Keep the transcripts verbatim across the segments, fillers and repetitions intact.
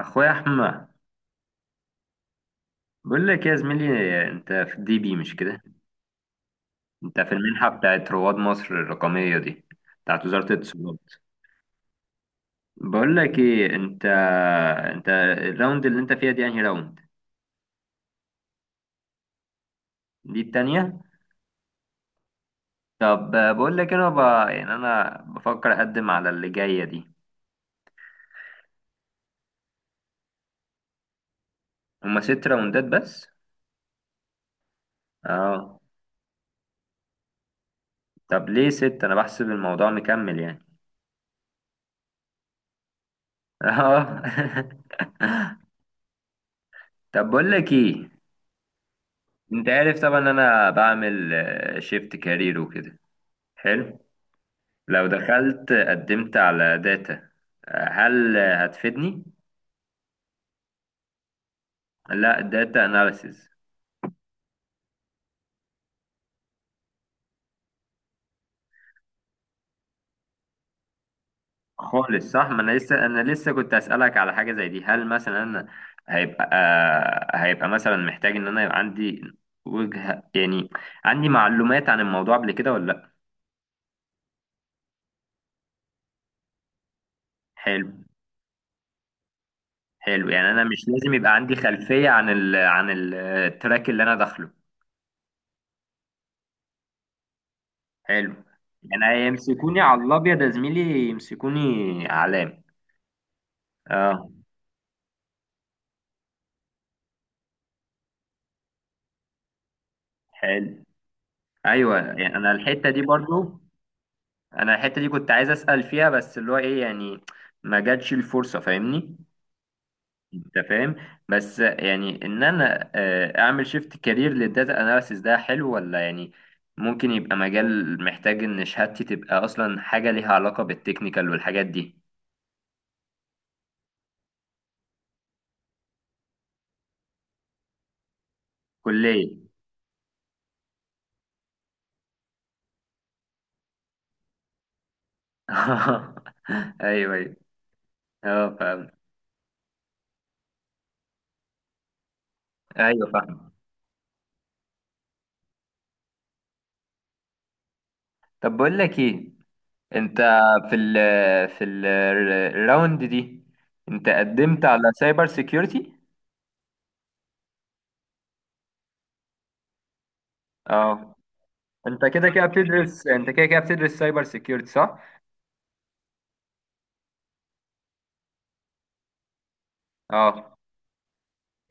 اخويا احمد، بقول لك يا زميلي، انت في الدي بي مش كده؟ انت في المنحه بتاعت رواد مصر الرقميه دي، بتاعت وزاره الاتصالات. بقول لك ايه انت، انت الراوند اللي انت فيها دي انهي راوند؟ دي التانية. طب آه، بقول لك انا ب... يعني انا بفكر اقدم على اللي جايه دي. هما ست راوندات بس؟ اه. طب ليه ست؟ انا بحسب الموضوع مكمل يعني. اه طب بقول لك ايه، انت عارف طبعا انا بعمل شيفت كارير وكده. حلو. لو دخلت قدمت على داتا، هل هتفيدني؟ لا، داتا اناليسز. خالص صح، ما انا لسه، انا لسه كنت اسالك على حاجه زي دي. هل مثلا انا هيبقى، آه، هيبقى مثلا محتاج ان انا يبقى عندي وجهه يعني، عندي معلومات عن الموضوع قبل كده ولا لا؟ حلو. حلو، يعني انا مش لازم يبقى عندي خلفيه عن ال عن ال- التراك اللي انا داخله. حلو، يعني هيمسكوني على الابيض يا زميلي، يمسكوني علام. اه. حلو. ايوه، يعني انا الحته دي برضو، انا الحته دي كنت عايز اسال فيها، بس اللي هو ايه يعني، ما جاتش الفرصه، فاهمني. انت فاهم. بس يعني ان انا آه، اعمل شيفت كارير للداتا اناليسيس، ده حلو ولا يعني ممكن يبقى مجال محتاج ان شهادتي تبقى اصلا حاجه ليها علاقه بالتكنيكال والحاجات دي؟ كليه. ايوه ايوه. اه فاهم. ايوه فاهم. طب بقول لك ايه، انت في ال، في ال، الراوند دي انت قدمت على سايبر سيكيورتي. اه. انت كده كده بتدرس، انت كده كده بتدرس سايبر سيكيورتي صح؟ اه.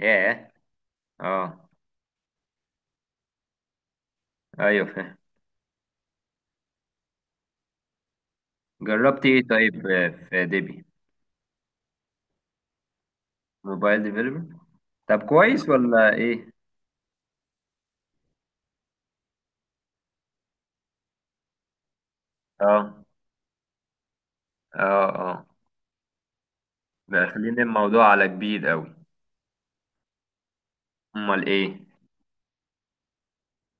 ياه. اه. ايوه فاهم. جربت ايه طيب؟ آه، في ديبي موبايل ديفلوبر؟ طب كويس ولا ايه؟ اه. اه. اه. داخلين الموضوع على كبير قوي. امال ايه؟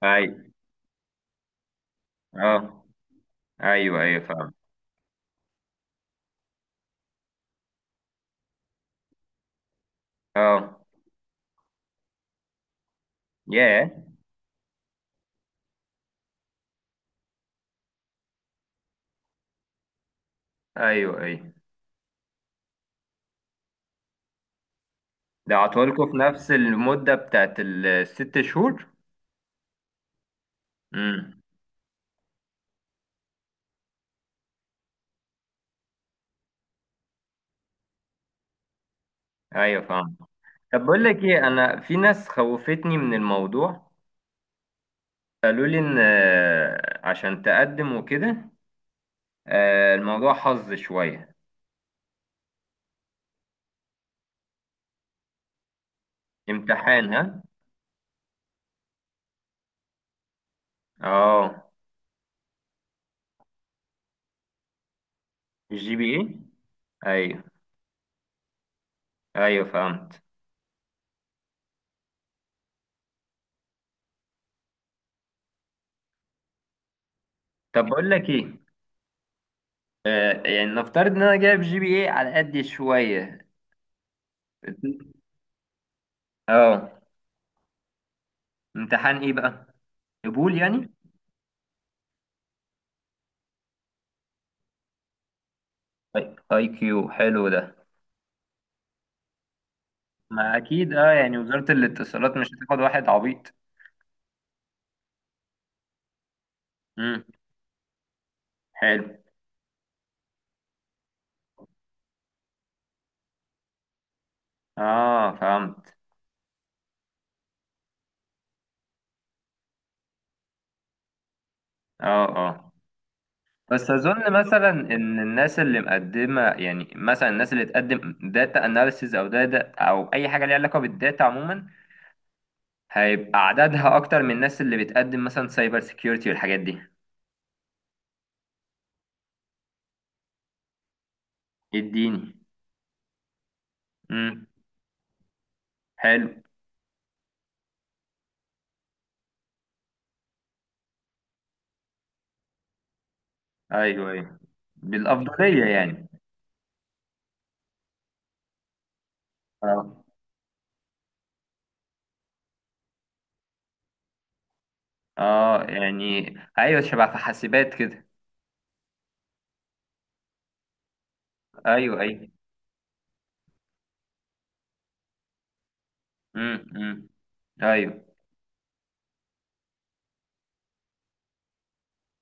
اي. اه. ايوه ايوه فاهم. اه. ياه. ايوه ايوه. ده عطولكوا في نفس المدة بتاعت الست شهور؟ امم ايوه فاهم. طب بقول لك ايه، انا في ناس خوفتني من الموضوع. قالوا لي ان آه، عشان تقدم وكده، آه، الموضوع حظ شوية. امتحان ها؟ اه. الجي بي ايه؟ ايوه. ايوه فهمت. طب بقول لك ايه، آه، يعني نفترض ان انا جايب جي بي ايه على قد شوية. اه. امتحان ايه بقى؟ قبول يعني؟ اي كيو حلو ده. ما اكيد اه، يعني وزارة الاتصالات مش هتاخد واحد عبيط. امم حلو. اه فهمت. اه اه. بس اظن مثلا ان الناس اللي مقدمه، يعني مثلا الناس اللي تقدم داتا اناليسيز او داتا او اي حاجه ليها علاقه بالداتا عموما، هيبقى عددها اكتر من الناس اللي بتقدم مثلا سايبر سيكيورتي والحاجات دي. اديني. امم. حلو. ايوه ايوه. بالافضليه يعني. اه. اه. يعني. ايوه، شبه في حاسبات كده. ايوه ايوه. امم امم. ايوه.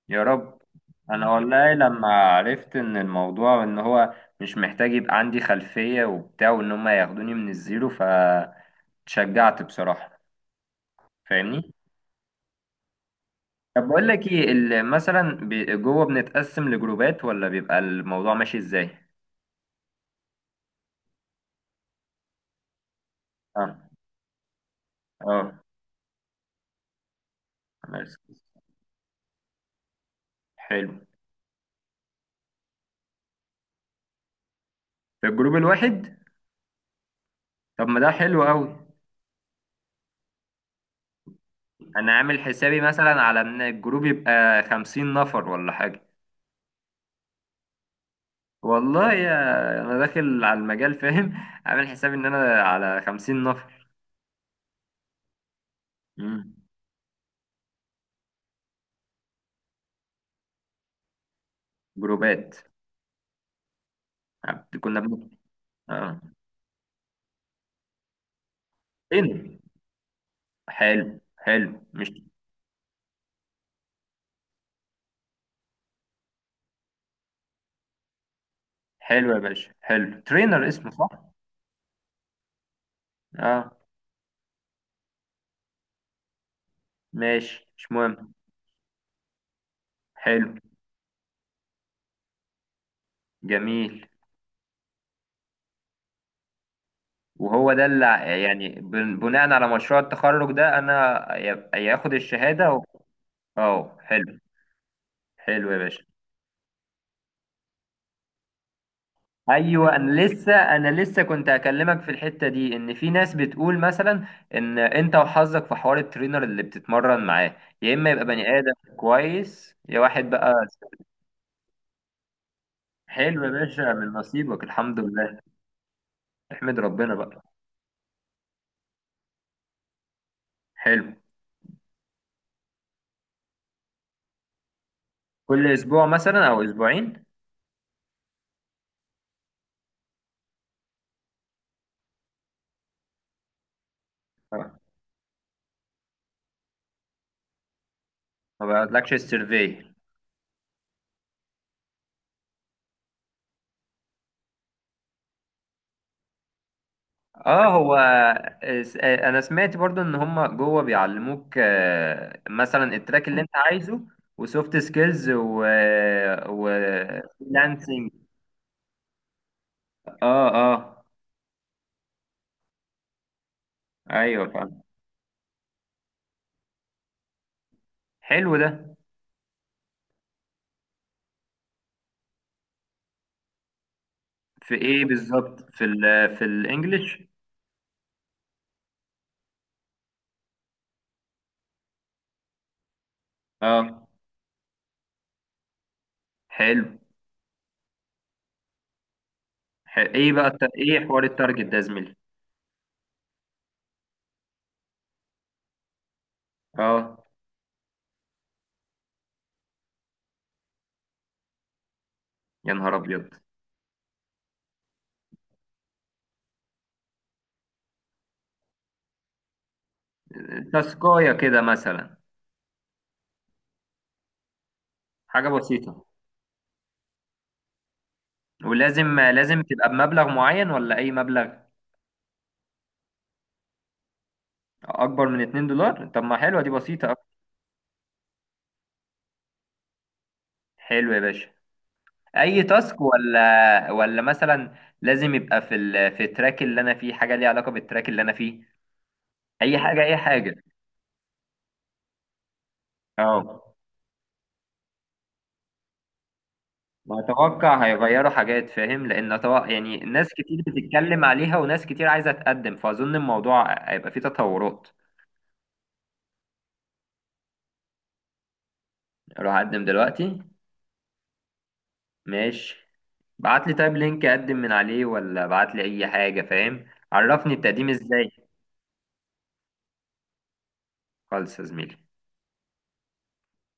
يا رب. انا والله لما عرفت ان الموضوع ان هو مش محتاج يبقى عندي خلفية وبتاع، وان هم ياخدوني من الزيرو، فتشجعت بصراحة. فاهمني. طب بقول لك ايه، ال- مثلا بي- جوه بنتقسم لجروبات ولا بيبقى الموضوع ماشي ازاي؟ اه. اه. بس. حلو. في الجروب الواحد؟ طب ما ده حلو قوي. انا عامل حسابي مثلا على ان الجروب يبقى خمسين نفر ولا حاجة. والله يا، انا داخل على المجال فاهم عامل حساب ان انا على خمسين نفر. مم. جروبات. عب- كنا بن... اه. ترينر. حلو حلو مش؟ حلو يا باشا، حلو ترينر اسمه صح؟ اه. ماشي، مش مهم. حلو. جميل. وهو ده اللي ع- يعني بن- بناء على مشروع التخرج ده انا يا- ياخد الشهادة و... اه حلو. حلو يا باشا. ايوه، انا لسه، انا لسه كنت هكلمك في الحته دي، ان في ناس بتقول مثلا ان انت وحظك في حوار الترينر اللي بتتمرن معاه، يا اما يبقى بني ادم كويس يا واحد بقى. حلو يا باشا، من نصيبك الحمد لله. احمد ربنا بقى. حلو. كل اسبوع مثلا او اسبوعين؟ آه، ما بعتلكش السيرفي. اه هو. س- آه، انا سمعت برضو ان هم جوه بيعلموك آه، مثلا التراك اللي انت عايزه وسوفت سكيلز و و فريلانسنج. اه. اه. ايوه فاهم. حلو ده. في ايه بالظبط في ال في الانجليش؟ اه. حلو. ح- ايه بقى الت- ايه حوار التارجت ده يا زميلي؟ اه. يا نهار ابيض. تاسكايه كده مثلا؟ حاجه بسيطه. ولازم لازم تبقى بمبلغ معين ولا اي مبلغ؟ اكبر من اتنين دولار؟ طب ما حلوه دي، بسيطه أوي. حلو يا باشا. اي تاسك ولا ولا مثلا لازم يبقى في ال... في التراك اللي انا فيه حاجه ليها علاقه بالتراك اللي انا فيه؟ اي حاجه اي حاجه. اه. واتوقع هيغيروا حاجات فاهم، لان أتوقع يعني ناس كتير بتتكلم عليها وناس كتير عايزه تقدم، فاظن الموضوع هيبقى فيه تطورات. اروح اقدم دلوقتي؟ ماشي. بعت لي طيب لينك اقدم من عليه ولا بعت لي اي حاجه، فاهم، عرفني التقديم ازاي. خالص يا زميلي.